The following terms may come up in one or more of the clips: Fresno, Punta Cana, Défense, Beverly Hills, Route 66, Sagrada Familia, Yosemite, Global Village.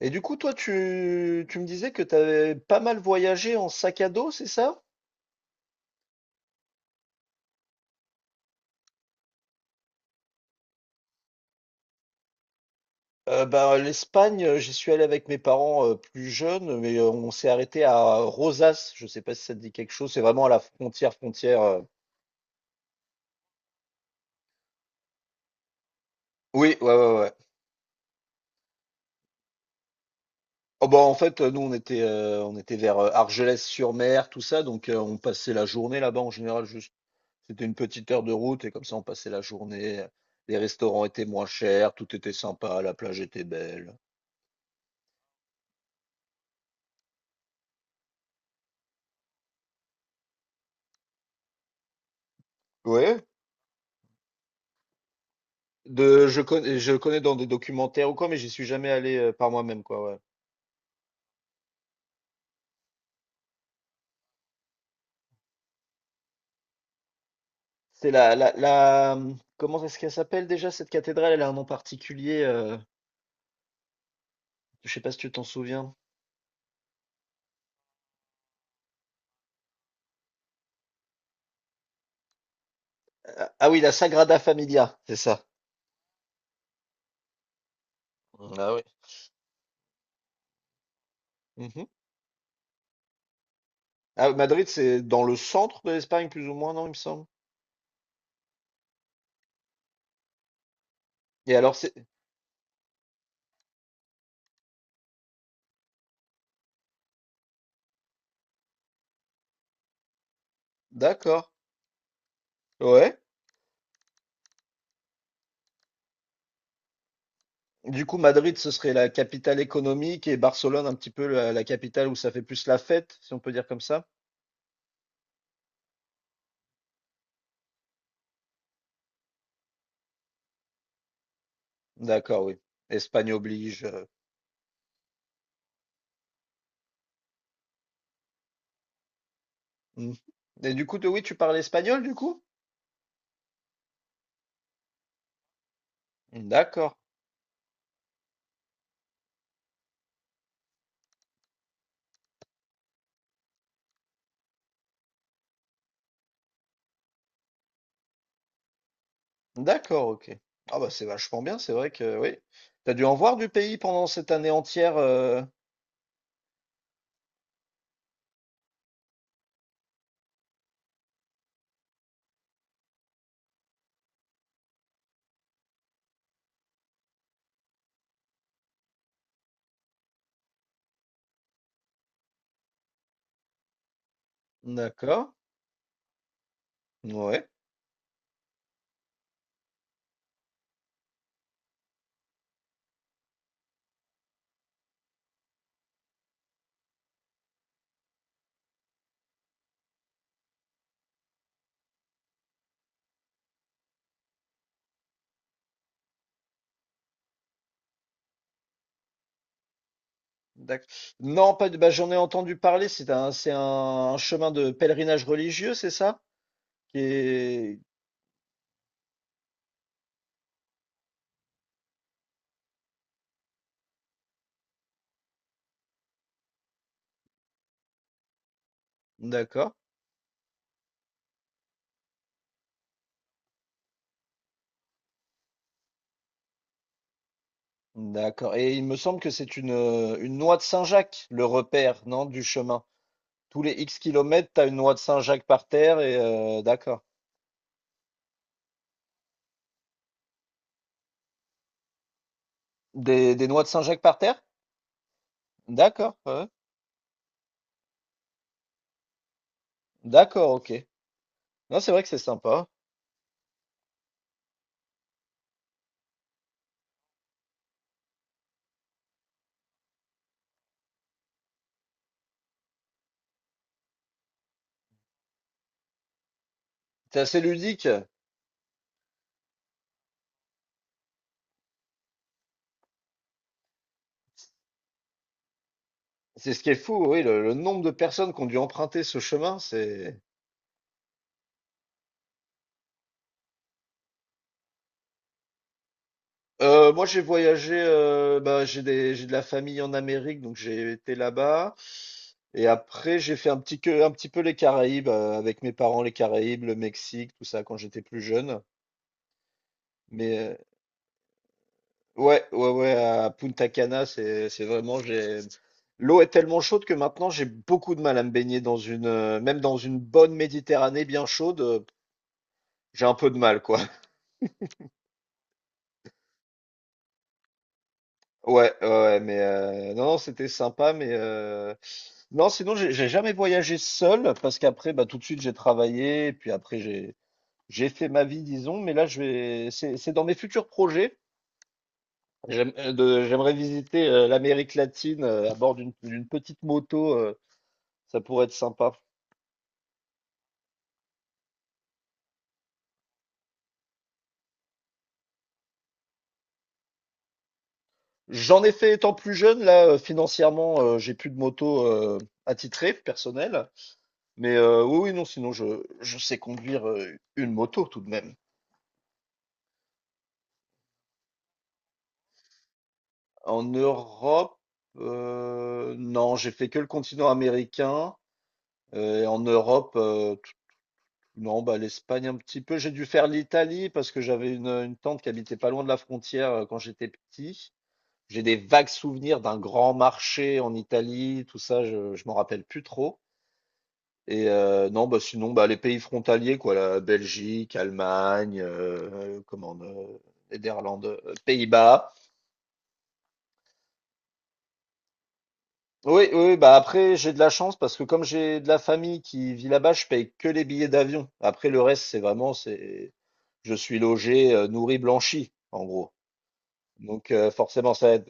Et du coup, toi, tu me disais que tu avais pas mal voyagé en sac à dos, c'est ça? L'Espagne, j'y suis allé avec mes parents plus jeunes, mais on s'est arrêté à Rosas. Je sais pas si ça te dit quelque chose. C'est vraiment à la frontière. Oui, ouais, ouais, ouais. En fait, nous, on était vers Argelès-sur-Mer, tout ça. Donc, on passait la journée là-bas en général. Juste, c'était une petite heure de route et comme ça, on passait la journée. Les restaurants étaient moins chers, tout était sympa, la plage était belle. Ouais. Je connais, je connais dans des documentaires ou quoi, mais j'y suis jamais allé par moi-même, quoi, ouais. C'est la, comment est-ce qu'elle s'appelle déjà cette cathédrale? Elle a un nom particulier, je sais pas si tu t'en souviens. Ah, ah oui, la Sagrada Familia, c'est ça. Ah oui. Mhm. Ah, Madrid, c'est dans le centre de l'Espagne, plus ou moins, non, il me semble. Et alors, c'est, d'accord, ouais. Du coup, Madrid, ce serait la capitale économique et Barcelone, un petit peu la capitale où ça fait plus la fête, si on peut dire comme ça. D'accord, oui. Espagne oblige. Mmh. Et du coup, toi, oui, tu parles espagnol, du coup? D'accord, d'accord, ok. Ah bah c'est vachement bien, c'est vrai que oui. T'as dû en voir du pays pendant cette année entière. D'accord, ouais. D'ac- Non, pas de. Bah, j'en ai entendu parler. C'est un chemin de pèlerinage religieux, c'est ça? Qui est- D'accord, d'accord. Et il me semble que c'est une noix de Saint-Jacques, le repère, non, du chemin. Tous les X kilomètres, t'as une noix de Saint-Jacques par terre et d'accord. Des noix de Saint-Jacques par terre? D'accord, ouais, ouais. D'accord, ok. Non, c'est vrai que c'est sympa. C'est assez ludique. C'est ce qui est fou, oui, le nombre de personnes qui ont dû emprunter ce chemin, c'est… Moi, j'ai voyagé, j'ai de la famille en Amérique, donc j'ai été là-bas. Et après, j'ai fait un petit peu les Caraïbes, avec mes parents, les Caraïbes, le Mexique, tout ça, quand j'étais plus jeune. Mais euh, ouais, à Punta Cana, c'est vraiment, l'eau est tellement chaude que maintenant j'ai beaucoup de mal à me baigner dans une, même dans une bonne Méditerranée bien chaude, j'ai un peu de mal, quoi. Non, non, c'était sympa, non, sinon j'ai jamais voyagé seul parce qu'après, bah tout de suite j'ai travaillé, et puis après j'ai fait ma vie, disons, mais c'est dans mes futurs projets. J'aimerais visiter l'Amérique latine à bord d'une petite moto, ça pourrait être sympa. J'en ai fait étant plus jeune, là, financièrement, j'ai plus de moto, attitrée, personnelle. Mais, oui, oui, non, sinon je sais conduire, une moto tout de même. En Europe, non, j'ai fait que le continent américain, et en Europe, t non, bah, l'Espagne un petit peu. J'ai dû faire l'Italie parce que j'avais une tante qui habitait pas loin de la frontière, quand j'étais petit. J'ai des vagues souvenirs d'un grand marché en Italie, tout ça, je m'en rappelle plus trop. Et non, bah, sinon, bah, les pays frontaliers quoi, la Belgique, Allemagne, Néderlande, Pays-Bas. Oui, oui, oui, bah, après j'ai de la chance parce que comme j'ai de la famille qui vit là-bas, je paye que les billets d'avion. Après le reste, c'est vraiment c'est je suis logé, nourri, blanchi en gros. Donc forcément ça aide.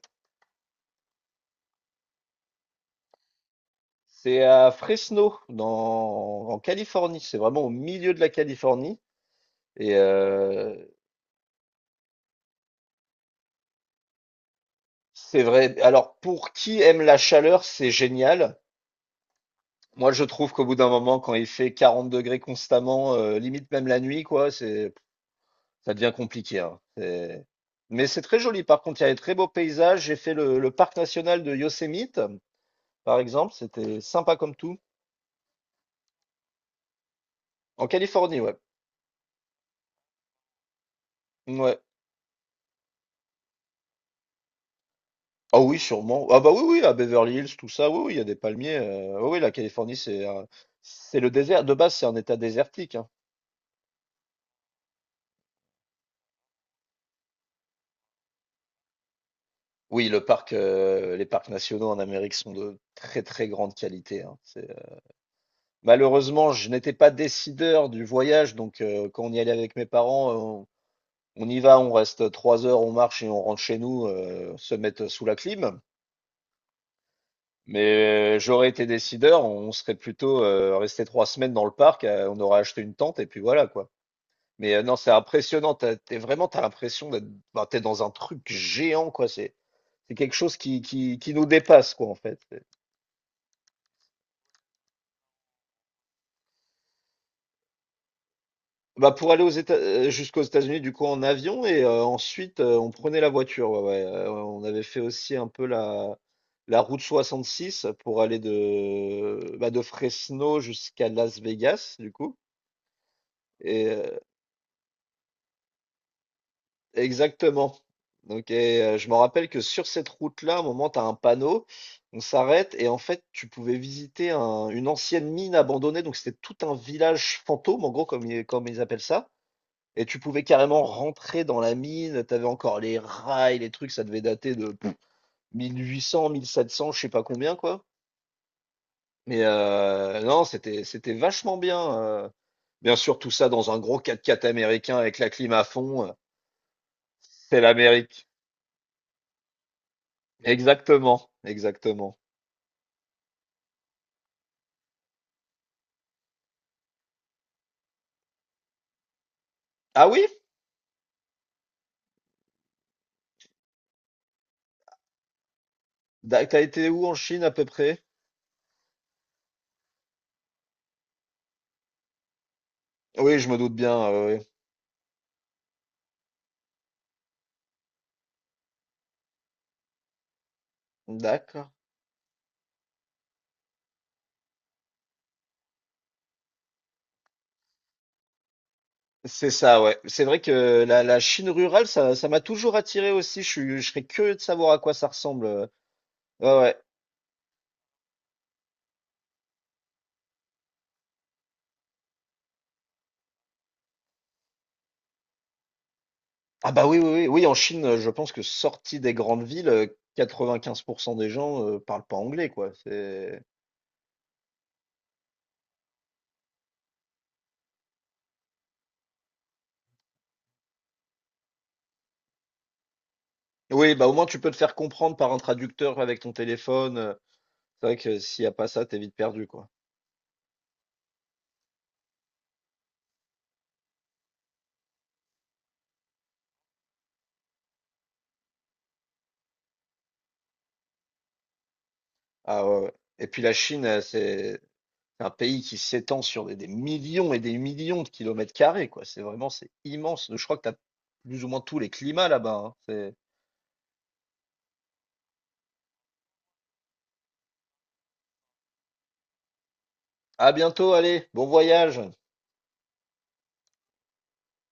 C'est à Fresno dans en Californie, c'est vraiment au milieu de la Californie et c'est vrai alors pour qui aime la chaleur, c'est génial. Moi, je trouve qu'au bout d'un moment, quand il fait 40 degrés constamment, limite même la nuit, quoi, ça devient compliqué, hein. Mais c'est très joli. Par contre, il y a des très beaux paysages. J'ai fait le parc national de Yosemite, par exemple. C'était sympa comme tout. En Californie, ouais. Ouais. Ah oui, sûrement. Ah bah oui, oui, à Beverly Hills, tout ça. Oui, oui, il y a des palmiers. Oui, oui, la Californie, c'est le désert. De base, c'est un état désertique, hein. Oui, le parc, les parcs nationaux en Amérique sont de très, très grande qualité, hein. C'est… Malheureusement, je n'étais pas décideur du voyage, donc quand on y allait avec mes parents, on y va, on reste trois heures, on marche et on rentre chez nous, se mettre sous la clim. Mais j'aurais été décideur, on serait plutôt resté trois semaines dans le parc, on aurait acheté une tente et puis voilà quoi. Non, c'est impressionnant, t'es vraiment, t'as l'impression d'être, bah, t'es dans un truc géant quoi. C'est quelque chose qui nous dépasse quoi en fait. Bah pour aller aux Éta jusqu'aux États-Unis du coup en avion et ensuite, on prenait la voiture, ouais, ouais, on avait fait aussi un peu la route 66 pour aller de, bah, de Fresno jusqu'à Las Vegas du coup et exactement. Donc et je me rappelle que sur cette route-là, à un moment, tu as un panneau, on s'arrête et en fait, tu pouvais visiter un une ancienne mine abandonnée, donc c'était tout un village fantôme en gros comme ils appellent ça. Et tu pouvais carrément rentrer dans la mine. T'avais encore les rails, les trucs, ça devait dater de pff, 1800, 1700, je sais pas combien, quoi. Non, c'était c'était vachement bien. Bien sûr, tout ça dans un gros quatre-quatre américain avec la clim à fond, c'est l'Amérique. Exactement, exactement. Ah oui? T'as été où en Chine à peu près? Oui, je me doute bien. Oui. D'accord. C'est ça, ouais. C'est vrai que la Chine rurale, ça m'a toujours attiré aussi. Je serais curieux de savoir à quoi ça ressemble. Ouais, ouais. Ah bah oui, oui, oui, oui, en Chine, je pense que sorti des grandes villes, 95 des gens, parlent pas anglais, quoi. C'est… Oui, bah, au moins tu peux te faire comprendre par un traducteur avec ton téléphone, c'est vrai que s'il y a pas ça, t'es vite perdu, quoi. Ah ouais, ouais, et puis la Chine, c'est un pays qui s'étend sur des millions et des millions de kilomètres carrés, quoi. C'est vraiment c'est immense. Je crois que t'as plus ou moins tous les climats là-bas, hein. C'est… À bientôt, allez, bon voyage!